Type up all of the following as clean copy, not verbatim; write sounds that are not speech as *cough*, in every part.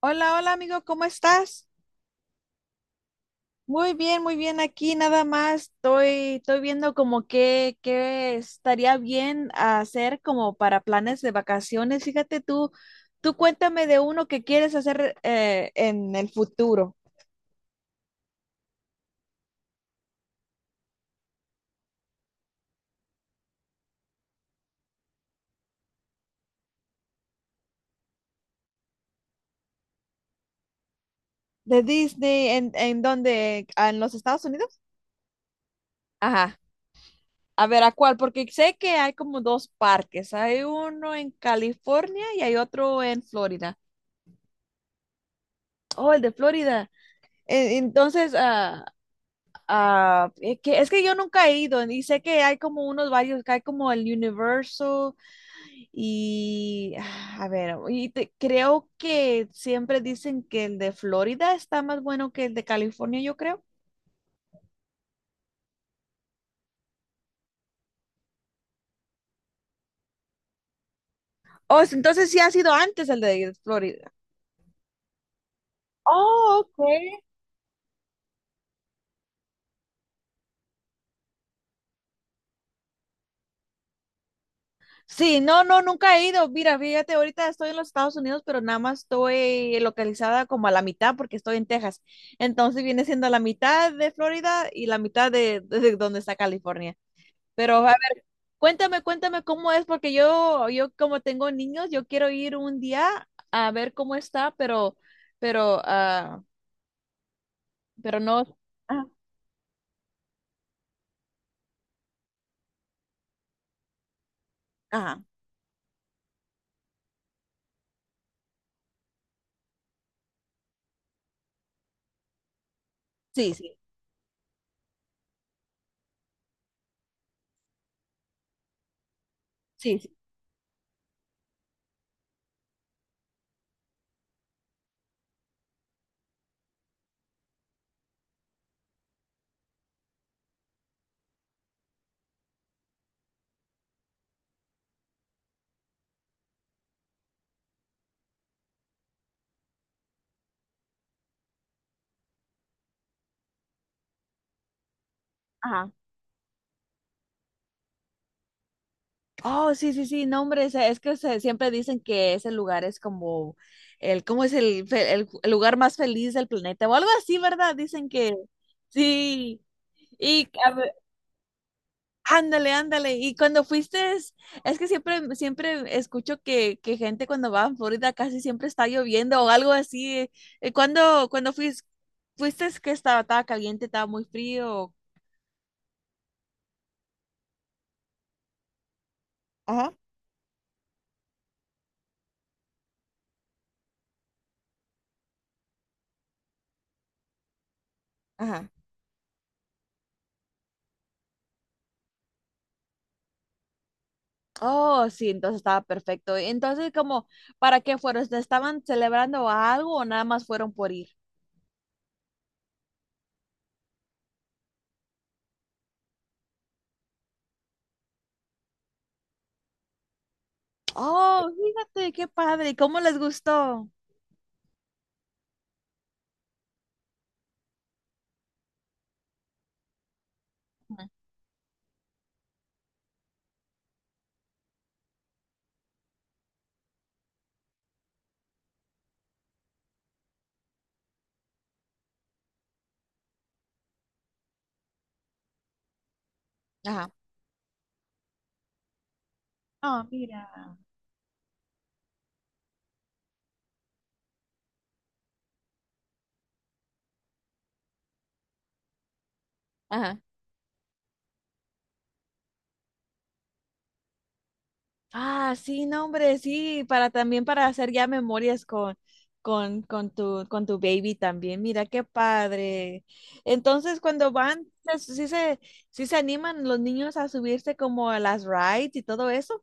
Hola, hola amigo, ¿cómo estás? Muy bien, muy bien. Aquí nada más estoy viendo como qué estaría bien hacer como para planes de vacaciones. Fíjate tú cuéntame de uno que quieres hacer en el futuro. De Disney, ¿en dónde? Ah, ¿en los Estados Unidos? Ajá. A ver, ¿a cuál? Porque sé que hay como dos parques. Hay uno en California y hay otro en Florida. Oh, el de Florida. Entonces, es que yo nunca he ido y sé que hay como unos varios, que hay como el Universal y a ver, creo que siempre dicen que el de Florida está más bueno que el de California, yo creo. Oh, entonces sí ha sido antes el de Florida. Oh, ok. Sí, no, no, nunca he ido. Mira, fíjate, ahorita estoy en los Estados Unidos, pero nada más estoy localizada como a la mitad porque estoy en Texas. Entonces viene siendo la mitad de Florida y la mitad de donde está California. Pero a ver, cuéntame cómo es, porque yo como tengo niños, yo quiero ir un día a ver cómo está, pero, ah, pero no. Ajá, ajá, sí, sí, sí, sí, ajá. Oh, sí, sí, sí, no, hombre, es que siempre dicen que ese lugar es como ¿cómo es el lugar más feliz del planeta? O algo así, ¿verdad? Dicen que sí. Y a ve- Ándale, ándale. Y cuando fuiste, es que siempre escucho que gente cuando va a Florida casi siempre está lloviendo o algo así. Cuando fuiste, que estaba caliente, estaba muy frío. Ajá, ajá. Oh, sí, entonces estaba perfecto. Entonces, como, ¿para qué fueron? ¿Estaban celebrando algo o nada más fueron por ir? Oh, fíjate, qué padre. ¿Y cómo les gustó? Ujú. Ajá. Oh, mira. Ajá. Ah, sí, no, hombre, sí, para también para hacer ya memorias con tu baby también. Mira, qué padre. Entonces, cuando van, sí se animan los niños a subirse como a las rides y todo eso.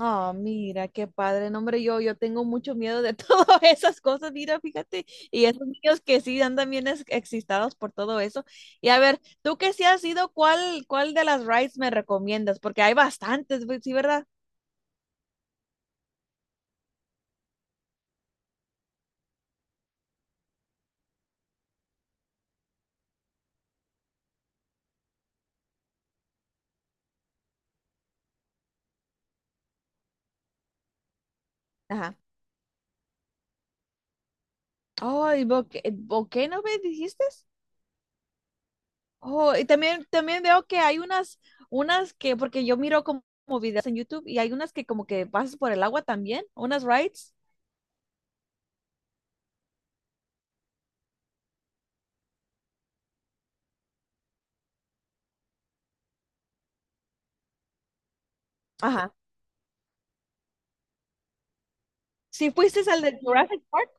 Ah, mira, qué padre, no, hombre, yo tengo mucho miedo de *laughs* todas esas cosas, mira, fíjate, y esos niños que sí andan bien excitados por todo eso. Y a ver, tú que sí has ido, ¿cuál de las rides me recomiendas? Porque hay bastantes, güey, sí, ¿verdad? Ajá. Oh, ¿y Volcano me dijiste? Oh, y también veo que hay unas que, porque yo miro como videos en YouTube y hay unas que como que pasas por el agua también, unas rides. Ajá. ¿Sí fuiste al de Jurassic Park?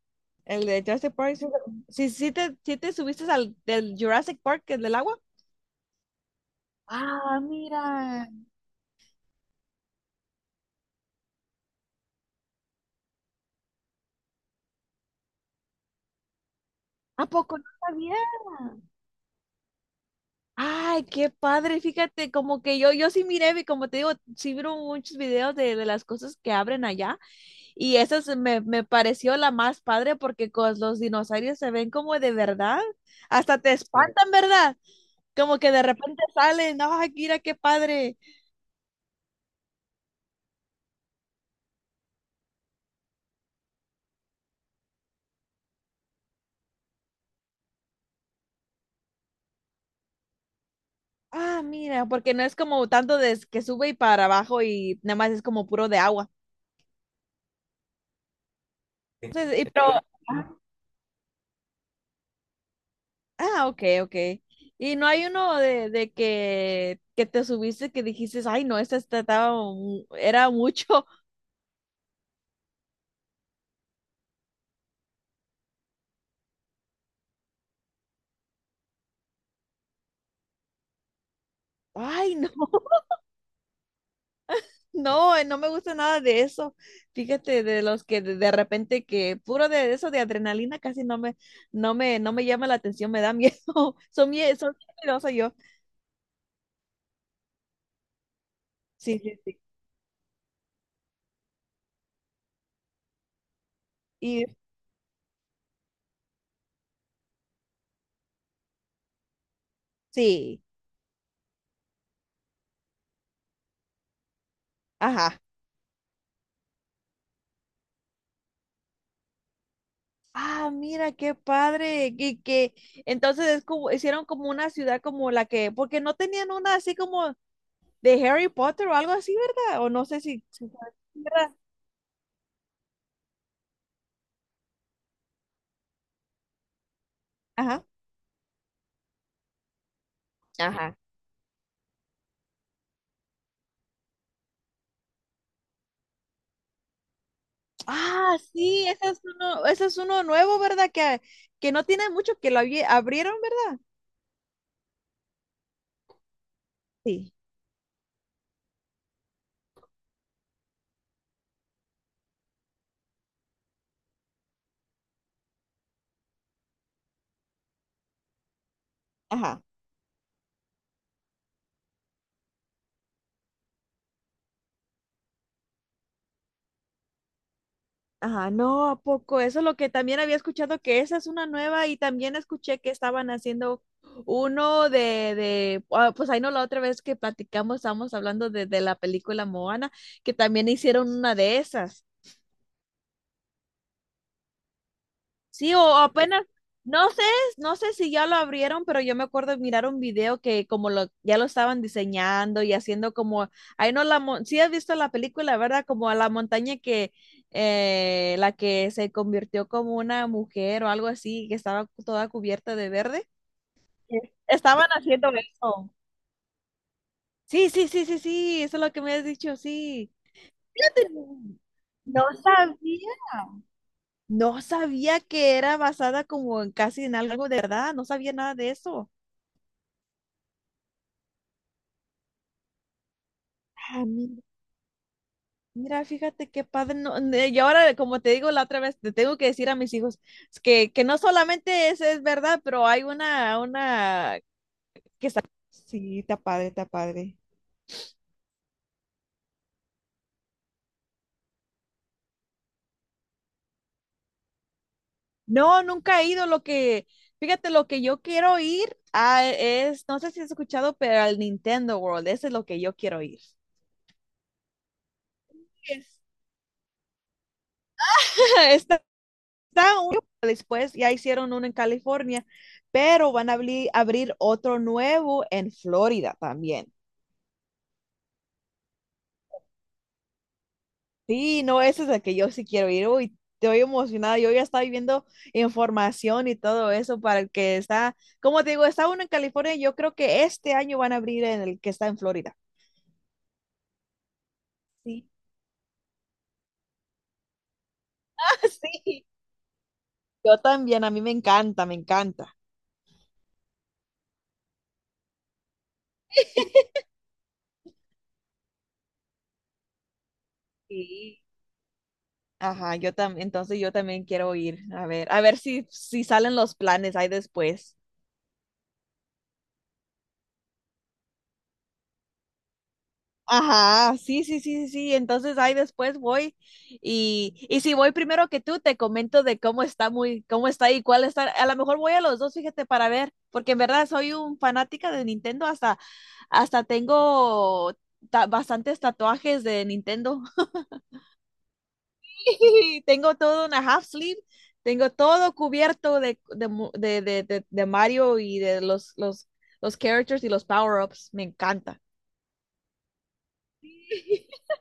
El de Jurassic Park. Sí, sí te subiste al del Jurassic Park, el del agua. Ah, mira. ¿A poco no sabía? Ay, qué padre. Fíjate, como que yo sí miré, como te digo, sí vi muchos videos de las cosas que abren allá. Y esa me pareció la más padre porque con los dinosaurios se ven como de verdad. Hasta te, sí, espantan, ¿verdad? Como que de repente salen. No, mira, qué padre. Ah, mira, porque no es como tanto de que sube y para abajo y nada más es como puro de agua. Entonces, y, pero, ok, ok. Y no hay uno de que te subiste que dijiste, ay, no, era mucho. *laughs* Ay, no, no, no me gusta nada de eso. Fíjate, de los que de repente que puro de eso de adrenalina casi no me llama la atención, me da miedo. *laughs* Son miedosa yo. Sí, sí, sí. Y sí, ajá. Ah, mira, qué padre. Y que entonces es como, hicieron como una ciudad como la que, porque no tenían una así como de Harry Potter o algo así, ¿verdad? O no sé si sabes, ¿verdad? Ajá. Ajá. Ah, sí, ese es uno nuevo, ¿verdad? Que no tiene mucho, que lo abrieron, ¿verdad? Sí. Ajá. Ajá, no, ¿a poco? Eso es lo que también había escuchado, que esa es una nueva y también escuché que estaban haciendo uno pues ahí no, la otra vez que platicamos, estábamos hablando de la película Moana, que también hicieron una de esas. Sí, o apenas, no sé, no sé si ya lo abrieron, pero yo me acuerdo de mirar un video que como lo, ya lo estaban diseñando y haciendo como, ahí no la, sí has visto la película, ¿verdad? Como a la montaña que, la que se convirtió como una mujer o algo así, que estaba toda cubierta de verde. Sí. Estaban haciendo eso. Sí, sí, sí, sí, sí, eso es lo que me has dicho, sí. No sabía. No sabía que era basada como en casi en algo de verdad, no sabía nada de eso. Ah, mira, mira, fíjate qué padre. No, y ahora, como te digo la otra vez, te tengo que decir a mis hijos es que no solamente es verdad, pero hay una que está. Sí, está padre, está padre. No, nunca he ido. Lo que, fíjate, lo que yo quiero ir a, es, no sé si has escuchado, pero al Nintendo World, ese es lo que yo quiero ir. Yes. *laughs* Está está uno después, ya hicieron uno en California, pero van a abrir otro nuevo en Florida también. Sí, no, ese es el que yo sí quiero ir. Uy, estoy emocionada. Yo ya estaba viendo información y todo eso para el que está, como te digo, está uno en California. Yo creo que este año van a abrir en el que está en Florida. Sí. *laughs* Sí, yo también, a mí me encanta, me encanta. Sí. Ajá, yo también, entonces yo también quiero ir, a ver si salen los planes ahí después. Ajá, sí, sí, sí, sí, sí. Entonces ahí después voy y si voy primero que tú, te comento de cómo está cómo está y cuál está. A lo mejor voy a los dos, fíjate, para ver, porque en verdad soy un fanática de Nintendo, hasta tengo bastantes tatuajes de Nintendo. *laughs* Tengo todo una half sleeve, tengo todo cubierto de, mu- de Mario y de los characters y los power-ups. Me encanta. *laughs*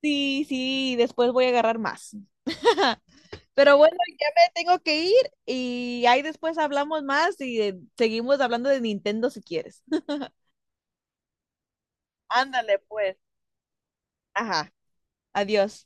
Sí, sí, después voy a agarrar más. Pero bueno, ya me tengo que ir y ahí después hablamos más y seguimos hablando de Nintendo si quieres. *laughs* Ándale, pues. Ajá, adiós.